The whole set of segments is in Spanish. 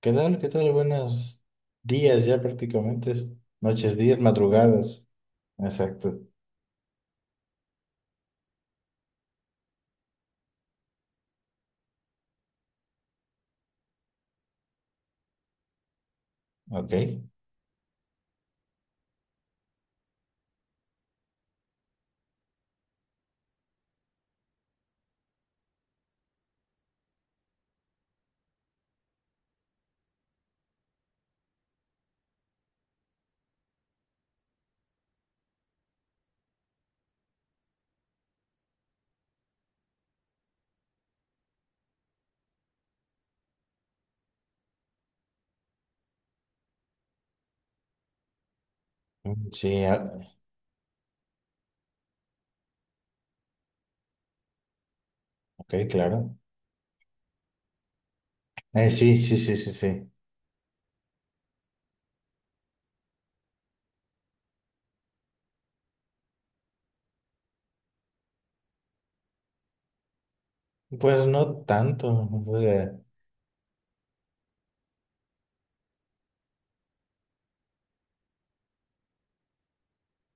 ¿Qué tal? ¿Qué tal? Buenos días ya prácticamente. Noches, días, madrugadas. Exacto. Ok. Mm, sí, ok, claro. Sí, sí, sí, sí, sí. Pues no tanto. O sea,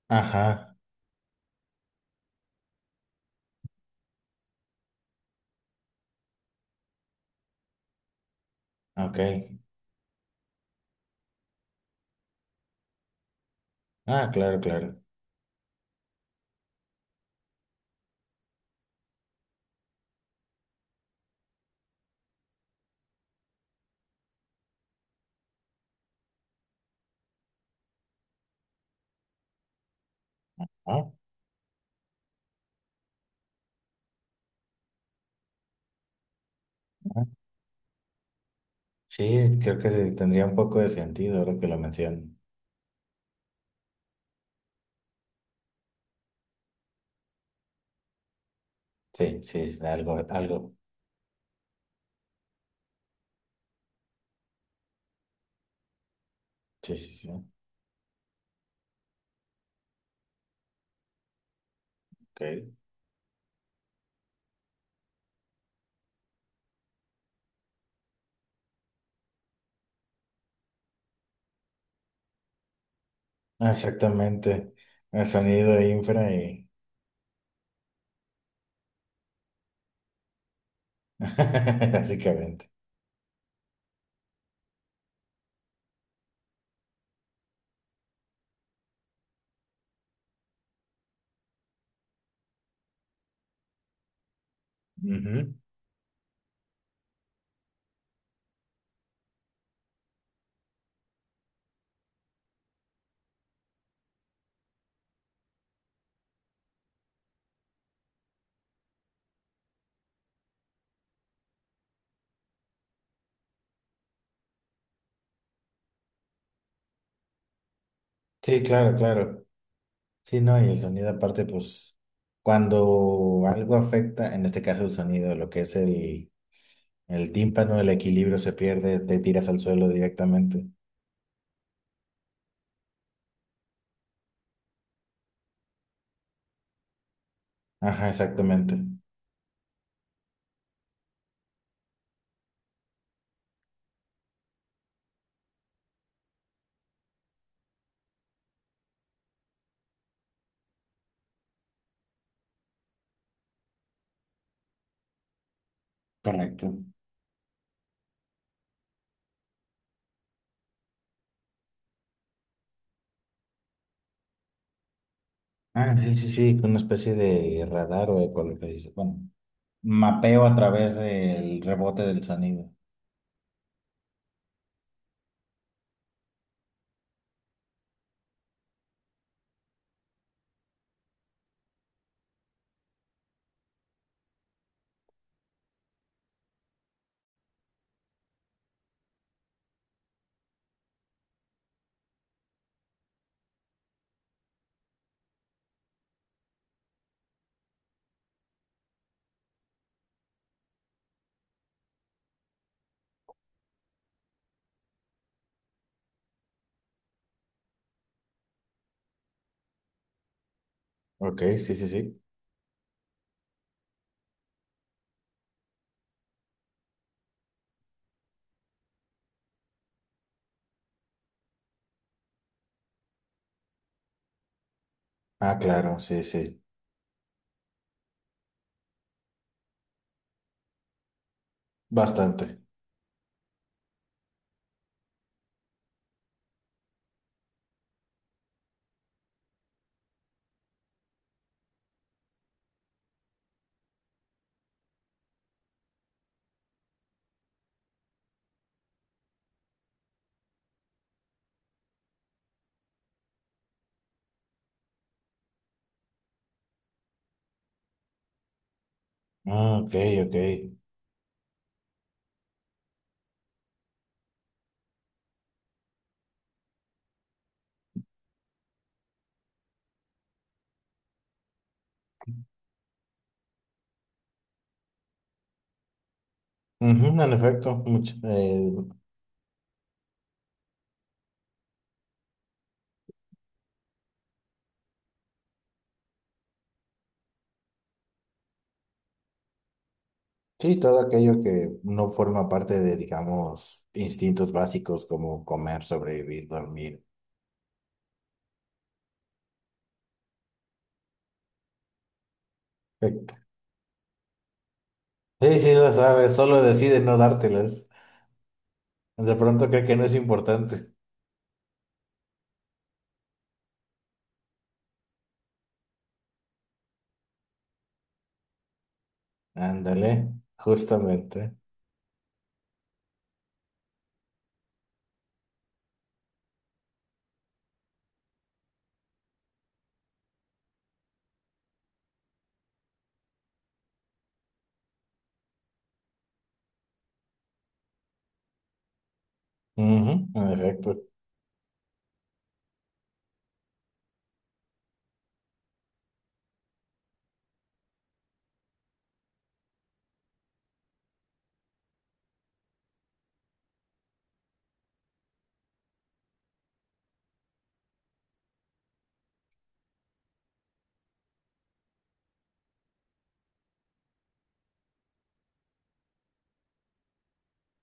ajá, ok. Ah, claro, claro. Ah, ah. Sí, creo que sí, tendría un poco de sentido ahora que lo mencionan. Sí, sí, es algo, algo. Sí, sí, sí. Ok. Exactamente. El sonido infra y... Básicamente. Ujú. Sí, claro, claro. Sí, no, y el sonido aparte, pues, cuando algo afecta, en este caso el sonido, lo que es el tímpano, el equilibrio se pierde, te tiras al suelo directamente. Ajá, exactamente. Correcto. Ah, sí, sí, sí, con una especie de radar o ecolocalización. Bueno, mapeo a través del rebote del sonido. Ok, sí, sí, sí. Ah, claro, sí, sí. Bastante. Ah, ok, ok. Ujú, en efecto, mucho. Sí, todo aquello que no forma parte de, digamos, instintos básicos como comer, sobrevivir, dormir. Eh, Sí, sí, lo sabes, solo decide no dártelas. De pronto cree que no es importante. Ándale, justamente. Ujú, en efecto.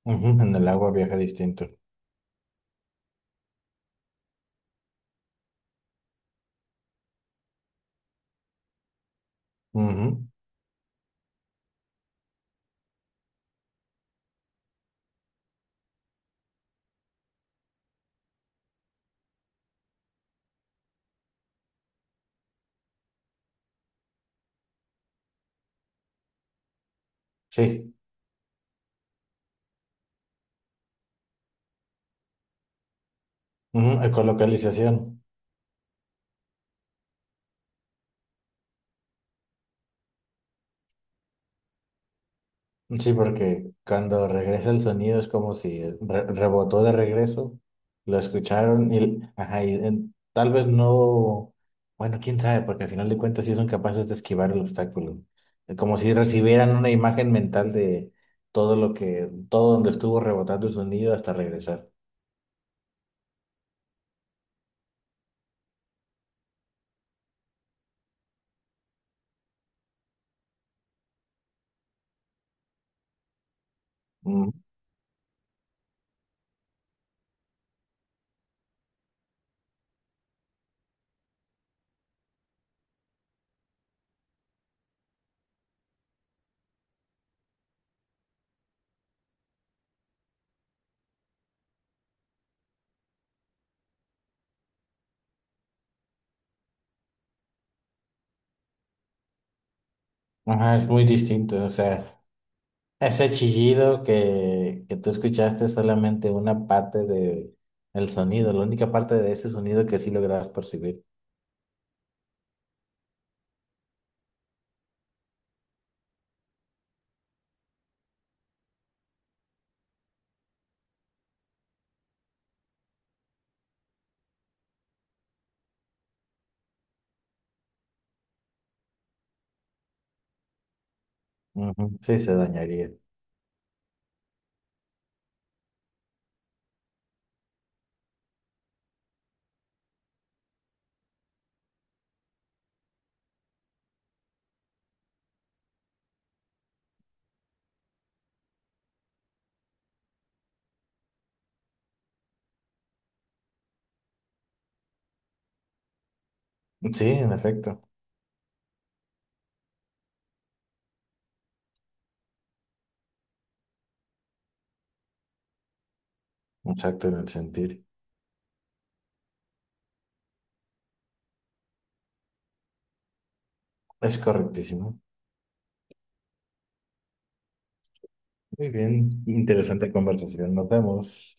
Ujú, en el agua viaja distinto. Ujú, sí, ujú, ecolocalización. Sí, porque cuando regresa el sonido es como si rebotó de regreso, lo escucharon y, ajá, y, tal vez no, bueno, quién sabe, porque al final de cuentas sí son capaces de esquivar el obstáculo. Como si recibieran una imagen mental de todo lo que, todo donde estuvo rebotando el sonido hasta regresar. Mm. Ajá, es muy distinto, o sea, ese chillido que tú escuchaste es solamente una parte de el sonido, la única parte de ese sonido que sí logras percibir. Ujú, sí, se dañaría. Sí, en efecto. Exacto, en el sentir. Es correctísimo. Muy bien. Interesante conversación. Nos vemos.